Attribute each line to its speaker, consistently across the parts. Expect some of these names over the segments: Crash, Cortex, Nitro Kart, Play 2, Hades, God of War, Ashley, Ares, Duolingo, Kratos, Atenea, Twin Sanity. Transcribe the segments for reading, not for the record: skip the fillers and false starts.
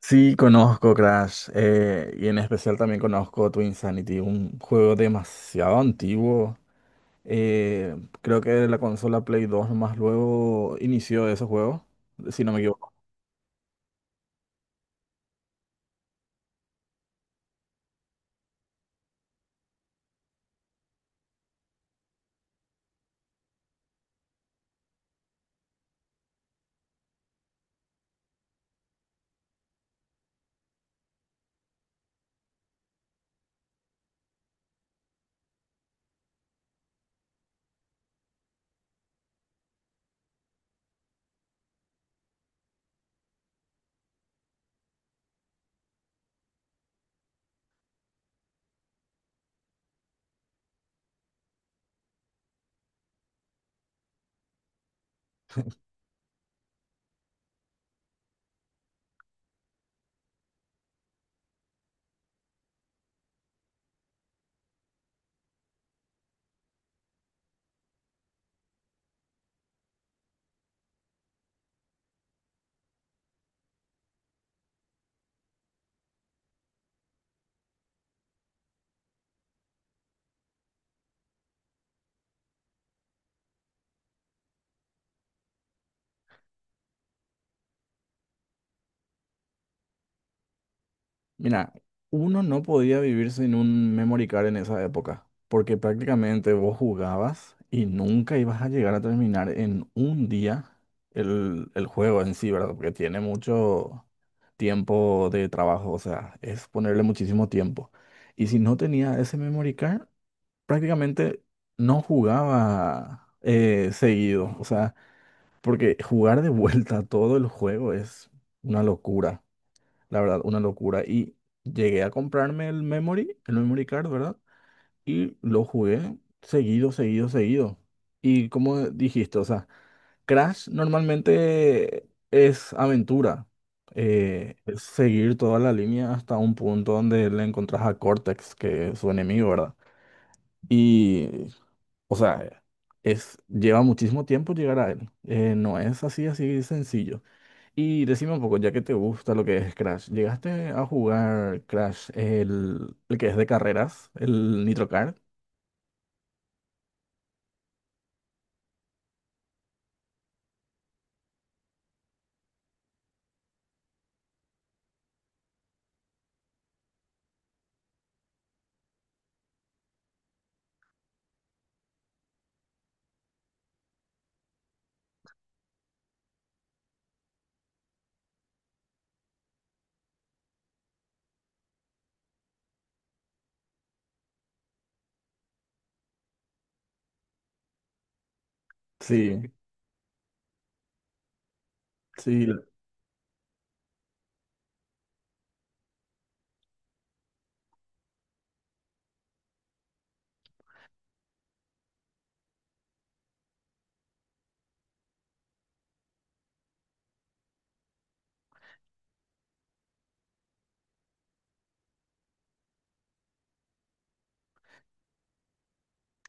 Speaker 1: Sí, conozco Crash, y en especial también conozco Twin Sanity, un juego demasiado antiguo. Eh, Creo que la consola Play 2 más luego inició ese juego, si no me equivoco. Mira, uno no podía vivir sin un memory card en esa época, porque prácticamente vos jugabas y nunca ibas a llegar a terminar en un día el juego en sí, ¿verdad? Porque tiene mucho tiempo de trabajo, o sea, es ponerle muchísimo tiempo. Y si no tenía ese memory card, prácticamente no jugaba seguido, o sea, porque jugar de vuelta todo el juego es una locura. La verdad, una locura. Y llegué a comprarme el memory card, ¿verdad? Y lo jugué seguido, seguido, seguido. Y como dijiste, o sea, Crash normalmente es aventura. Es seguir toda la línea hasta un punto donde le encontrás a Cortex, que es su enemigo, ¿verdad? Y, o sea, es, lleva muchísimo tiempo llegar a él. No es así, así sencillo. Y decime un poco, ya que te gusta lo que es Crash, ¿llegaste a jugar Crash, el que es de carreras, el Nitro Kart? Sí, sí, sí,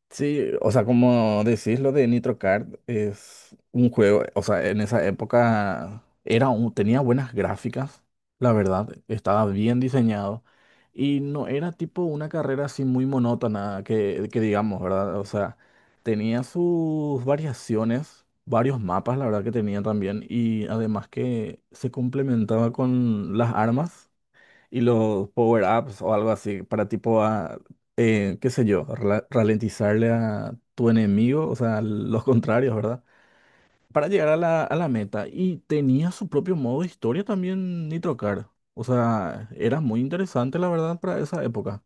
Speaker 1: sí, o sea, como decís, lo de Nitro Kart es un juego, o sea, en esa época tenía buenas gráficas, la verdad, estaba bien diseñado y no era tipo una carrera así muy monótona que digamos, ¿verdad? O sea, tenía sus variaciones, varios mapas, la verdad que tenía también y además que se complementaba con las armas. Y los power-ups o algo así para tipo, a, qué sé yo, ralentizarle a tu enemigo, o sea, los contrarios, ¿verdad? Para llegar a la meta. Y tenía su propio modo de historia también Nitro Car. O sea, era muy interesante, la verdad, para esa época.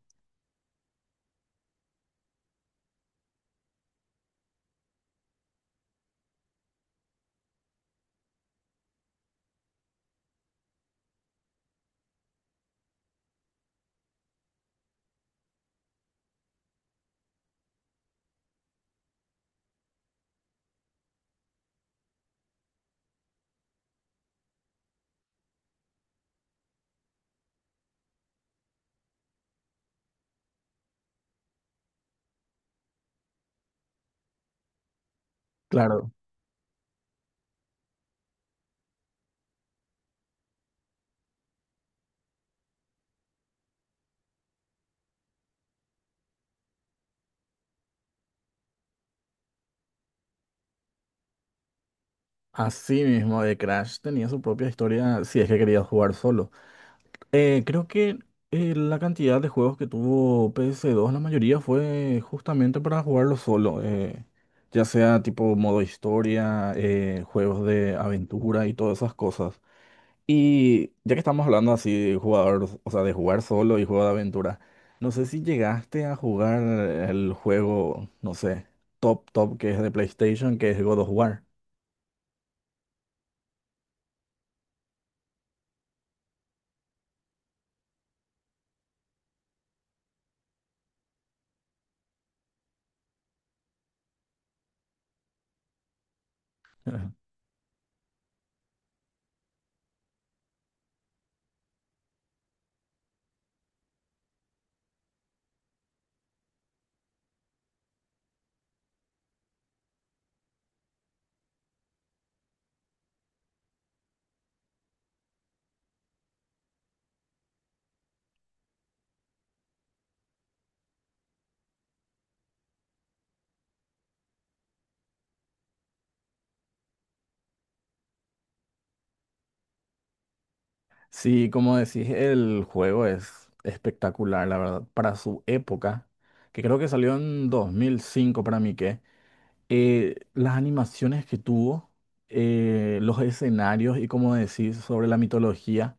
Speaker 1: Claro, así mismo de Crash tenía su propia historia si es que querías jugar solo. Creo que la cantidad de juegos que tuvo PS2, la mayoría fue justamente para jugarlo solo, ya sea tipo modo historia, juegos de aventura y todas esas cosas. Y ya que estamos hablando así de jugador, o sea, de jugar solo y juego de aventura, no sé si llegaste a jugar el juego, no sé, top top que es de PlayStation, que es God of War. Sí, como decís, el juego es espectacular, la verdad, para su época, que creo que salió en 2005 para mí que, las animaciones que tuvo, los escenarios y como decís sobre la mitología,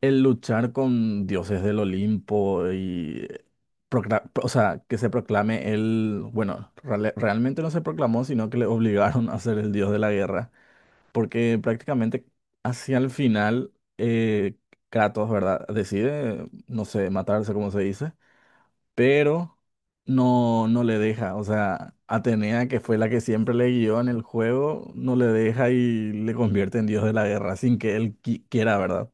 Speaker 1: el luchar con dioses del Olimpo y, o sea, que se proclame él, bueno, realmente no se proclamó, sino que le obligaron a ser el dios de la guerra porque prácticamente hacia el final eh, Kratos, ¿verdad? Decide, no sé, matarse, como se dice, pero no le deja, o sea, Atenea, que fue la que siempre le guió en el juego, no le deja y le convierte en dios de la guerra sin que él quiera, ¿verdad?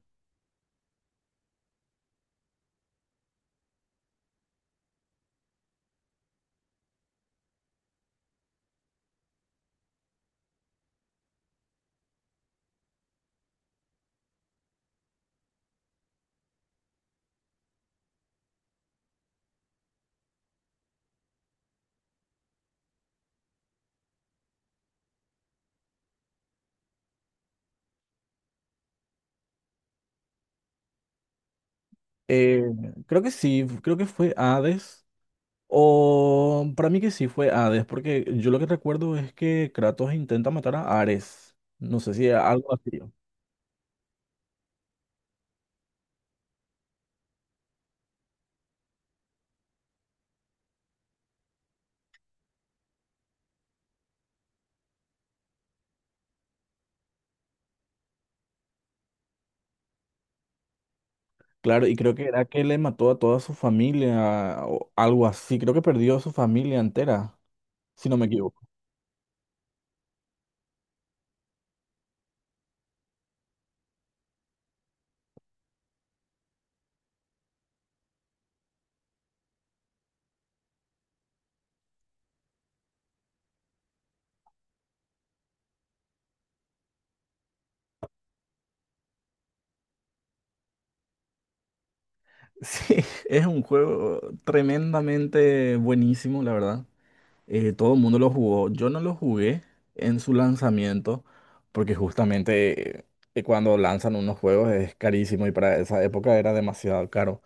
Speaker 1: Eh, Creo que sí, creo que fue Hades. O para mí que sí fue Hades, porque yo lo que recuerdo es que Kratos intenta matar a Ares. No sé si algo así. Claro, y creo que era que le mató a toda su familia o algo así. Creo que perdió a su familia entera, si no me equivoco. Sí, es un juego tremendamente buenísimo, la verdad. Todo el mundo lo jugó. Yo no lo jugué en su lanzamiento, porque justamente cuando lanzan unos juegos es carísimo y para esa época era demasiado caro.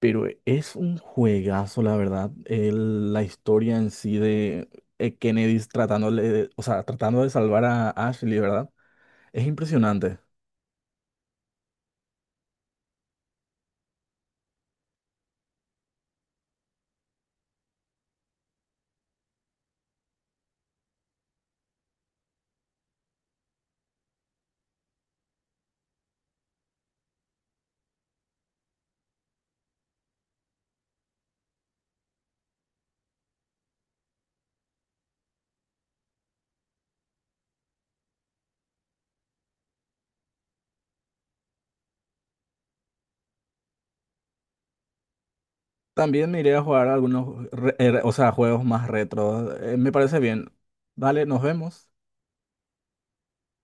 Speaker 1: Pero es un juegazo, la verdad. El- la historia en sí de Kennedy tratándole, de- o sea, tratando de salvar a Ashley, ¿verdad? Es impresionante. También me iré a jugar algunos, o sea, juegos más retro. Me parece bien. Dale, nos vemos.